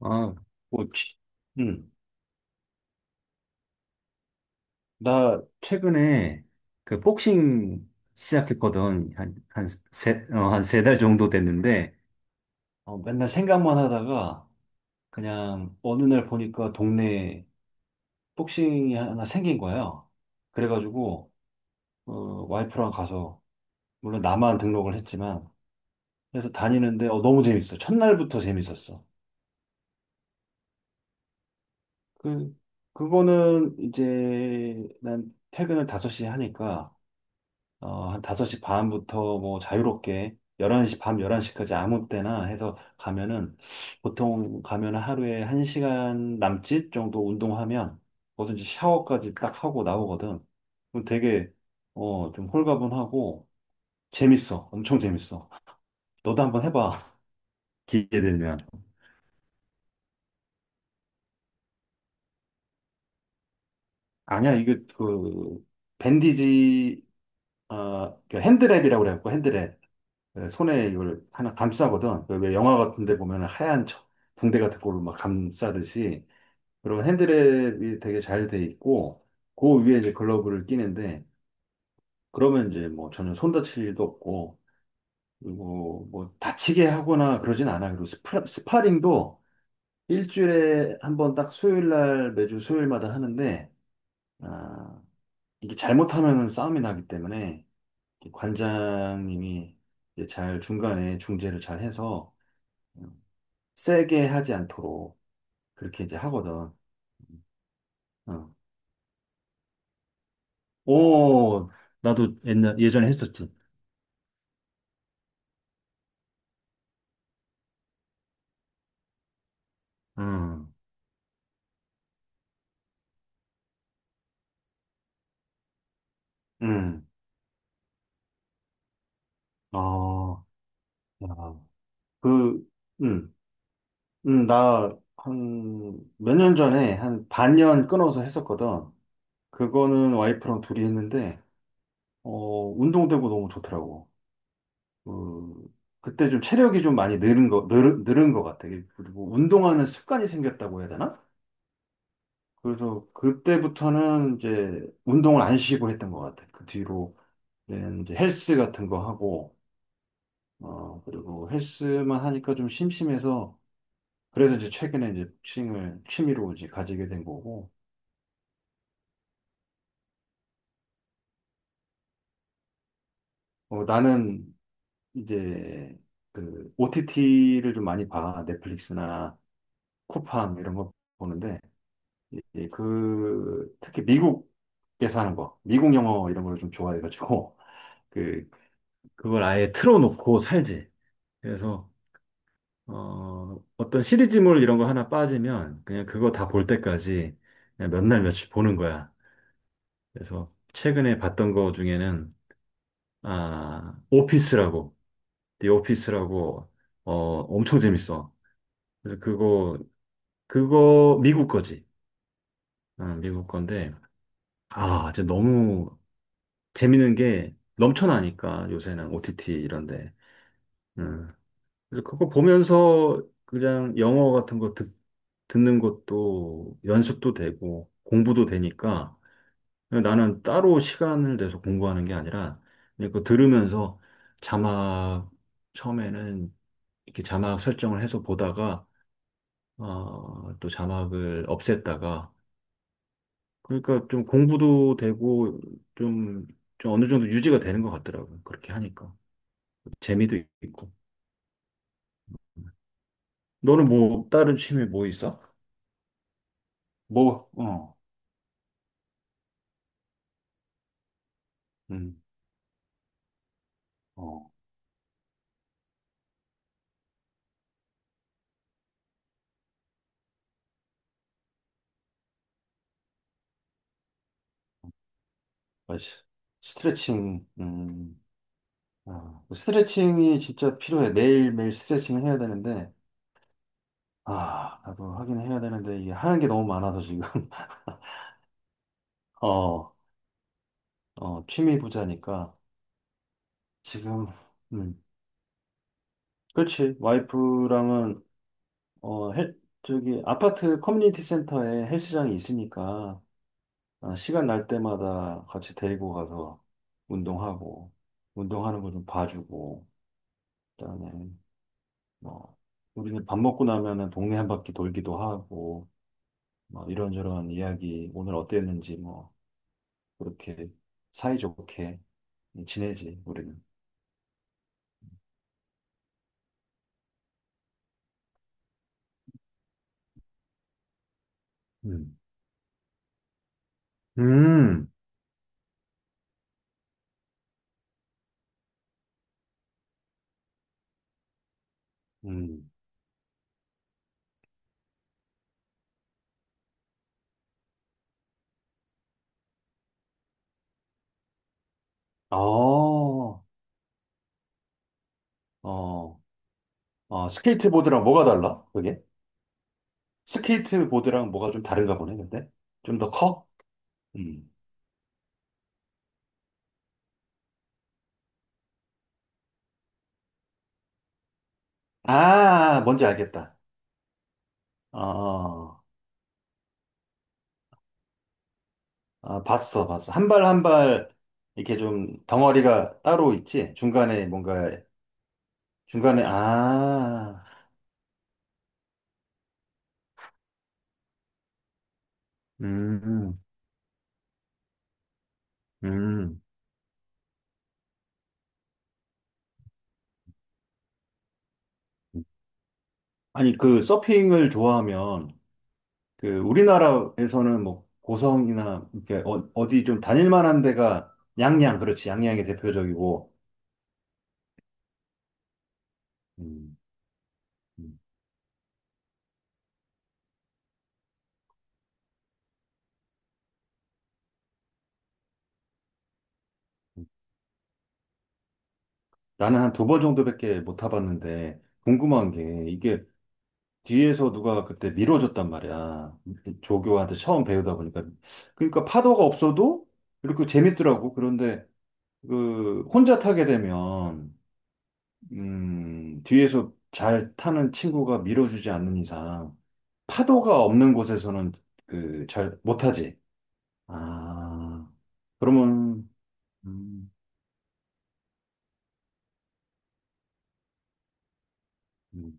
아, 뭐, 취- 응. 나 최근에 그 복싱 시작했거든. 한 세 달 정도 됐는데, 맨날 생각만 하다가 그냥 어느 날 보니까 동네에 복싱이 하나 생긴 거예요. 그래가지고, 어, 와이프랑 가서, 물론 나만 등록을 했지만, 그래서 다니는데, 너무 재밌어. 첫날부터 재밌었어. 그, 그거는 이제 난 퇴근을 5시에 하니까, 한 5시 반부터 뭐 자유롭게 11시, 밤 11시까지 아무 때나 해서 가면은 보통 가면 하루에 1시간 남짓 정도 운동하면 거기서 이제 샤워까지 딱 하고 나오거든. 그럼 되게 좀 홀가분하고 재밌어. 엄청 재밌어. 너도 한번 해봐. 기회 되면. 아니야, 이게 밴디지 그 핸드랩이라고 그래갖고 핸드랩. 예, 손에 이걸 하나 감싸거든. 그왜 영화 같은 데 보면 하얀 붕대 같은 걸로 막 감싸듯이. 그면 핸드랩이 되게 잘 돼 있고, 그 위에 이제 글러브를 끼는데, 그러면 이제 뭐 전혀 손 다칠 일도 없고, 그리고 뭐 다치게 하거나 그러진 않아. 그리고 스파링도 일주일에 한번 딱 수요일 날, 매주 수요일마다 하는데, 아, 이게 잘못하면 싸움이 나기 때문에 관장님이 이제 잘 중간에 중재를 잘 해서 세게 하지 않도록 그렇게 이제 하거든. 어. 오, 나도 예전에 했었지. 음, 음, 어, 야, 그, 음, 나 한 몇 년 전에 한 반년 끊어서 했었거든. 그거는 와이프랑 둘이 했는데, 운동되고 너무 좋더라고. 그, 그때 좀 체력이 좀 많이 늘은 것 같아. 그리고 운동하는 습관이 생겼다고 해야 되나? 그래서 그때부터는 이제 운동을 안 쉬고 했던 것 같아요. 그 뒤로는 이제 헬스 같은 거 하고, 그리고 헬스만 하니까 좀 심심해서, 그래서 이제 최근에 이제 복싱을 취미로 이제 가지게 된 거고, 나는 이제 그 OTT를 좀 많이 봐. 넷플릭스나 쿠팡 이런 거 보는데, 그, 특히 미국에서 하는 거, 미국 영어 이런 걸 좀 좋아해가지고, 그, 그걸 아예 틀어놓고 살지. 그래서 어떤 시리즈물 이런 거 하나 빠지면 그냥 그거 다 볼 때까지 그냥 몇 날 며칠 보는 거야. 그래서 최근에 봤던 거 중에는 아, 오피스라고, The 오피스라고 어, 엄청 재밌어. 그래서 그거 그거 미국 거지. 어, 미국 건데 아, 진짜 너무 재밌는 게 넘쳐나니까 요새는 OTT 이런데. 그래서 그거 보면서 그냥 영어 같은 거 듣, 듣는 것도 연습도 되고 공부도 되니까 나는 따로 시간을 내서 공부하는 게 아니라 그냥 그거 들으면서 자막 처음에는 이렇게 자막 설정을 해서 보다가 또 자막을 없앴다가 그러니까 좀 공부도 되고 좀, 좀 어느 정도 유지가 되는 것 같더라고요. 그렇게 하니까 재미도 있고. 너는 뭐 다른 취미 뭐 있어? 뭐, 어. 음, 어, 맞아. 스트레칭, 아, 뭐 스트레칭이 진짜 필요해. 매일매일 스트레칭을 해야 되는데, 아, 나도 하긴 해야 되는데, 이게 하는 게 너무 많아서 지금, 어, 어, 취미 부자니까, 지금, 음, 그렇지. 와이프랑은, 아파트 커뮤니티 센터에 헬스장이 있으니까, 아, 시간 날 때마다 같이 데리고 가서 운동하고, 운동하는 거 좀 봐주고, 그다음에 뭐, 우리는 밥 먹고 나면은 동네 한 바퀴 돌기도 하고, 뭐, 이런저런 이야기, 오늘 어땠는지, 뭐, 그렇게 사이좋게 지내지, 우리는. 음. 음, 음. 아, 어, 어, 스케이트보드랑 뭐가 달라? 그게? 스케이트보드랑 뭐가 좀 다른가 보네, 근데? 좀 더 커? 음. 아, 뭔지 알겠다. 어, 아, 봤어, 봤어. 한 발 한 발, 이렇게 좀 덩어리가 따로 있지? 중간에 뭔가 중간에, 아, 음, 음. 아니, 그 서핑을 좋아하면, 그 우리나라에서는 뭐 고성이나 이렇게 어, 어디 좀 다닐만한 데가 양양, 그렇지. 양양이 대표적이고. 음, 음, 음. 나는 한 두 번 정도밖에 못 타봤는데, 궁금한 게, 이게 뒤에서 누가 그때 밀어줬단 말이야. 조교한테 처음 배우다 보니까. 그러니까 파도가 없어도 이렇게 재밌더라고. 그런데 그 혼자 타게 되면, 뒤에서 잘 타는 친구가 밀어주지 않는 이상 파도가 없는 곳에서는 그 잘 못하지. 아, 그러면 음, 음.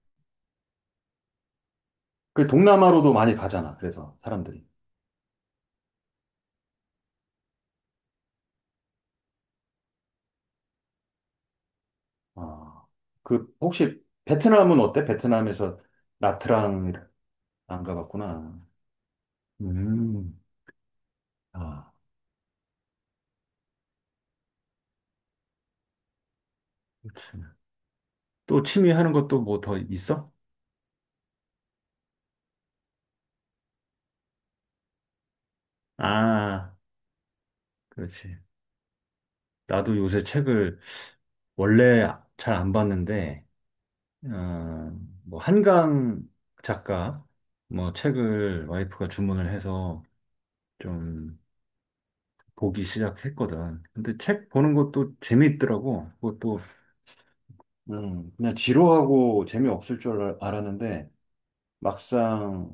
그 동남아로도 많이 가잖아. 그래서 사람들이. 아, 그 혹시 베트남은 어때? 베트남에서 나트랑 안 가봤구나. 음, 아, 참. 또 취미 하는 것도 뭐 더 있어? 아, 그렇지. 나도 요새 책을 원래 잘 안 봤는데. 어, 뭐 한강 작가 뭐 책을 와이프가 주문을 해서 좀 보기 시작했거든. 근데 책 보는 것도 재미있더라고. 그것도 그냥 지루하고 재미없을 줄 알- 알았는데 막상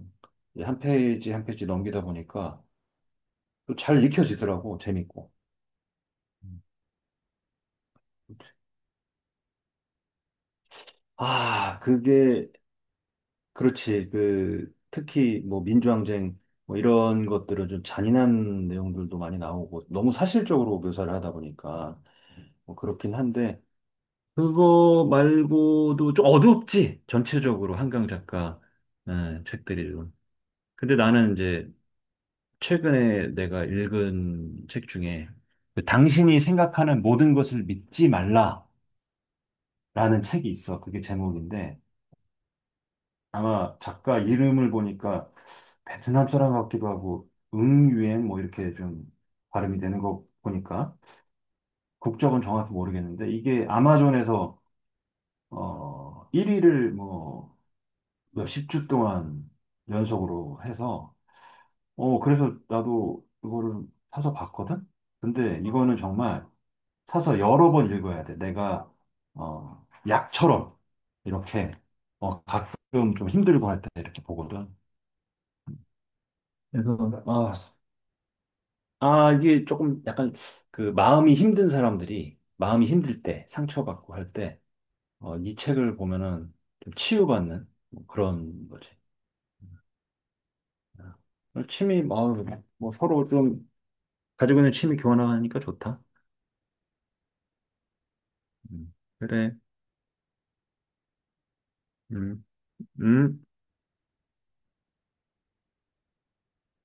이한 페이지 한 페이지 넘기다 보니까 또 잘 읽혀지더라고. 재밌고. 음. 아, 그게 그렇지. 그 특히 뭐 민주항쟁 뭐 이런 것들은 좀 잔인한 내용들도 많이 나오고 너무 사실적으로 묘사를 하다 보니까 뭐 그렇긴 한데 그거 말고도 좀 어둡지. 전체적으로 한강 작가 예, 책들이 좀. 근데 나는 이제 최근에 내가 읽은 책 중에 그 당신이 생각하는 모든 것을 믿지 말라라는 책이 있어. 그게 제목인데 아마 작가 이름을 보니까 베트남 사람 같기도 하고 응유엔 뭐 이렇게 좀 발음이 되는 거 보니까 국적은 정확히 모르겠는데 이게 아마존에서 어 1위를 뭐 몇십 주 동안 연속으로 해서 어 그래서 나도 이거를 사서 봤거든. 근데 이거는 정말 사서 여러 번 읽어야 돼. 내가 어 약처럼 이렇게 어 가끔 좀 힘들고 할 때 이렇게 보거든. 그래서 아 아, 이게 조금 약간 그 마음이 힘든 사람들이 마음이 힘들 때, 상처받고 할 때, 어, 이 책을 보면은 좀 치유받는 뭐 그런 거지. 아, 오늘 취미, 어, 뭐뭐 서로 좀 가지고 있는 취미 교환하니까 좋다. 음, 그래. 음, 음.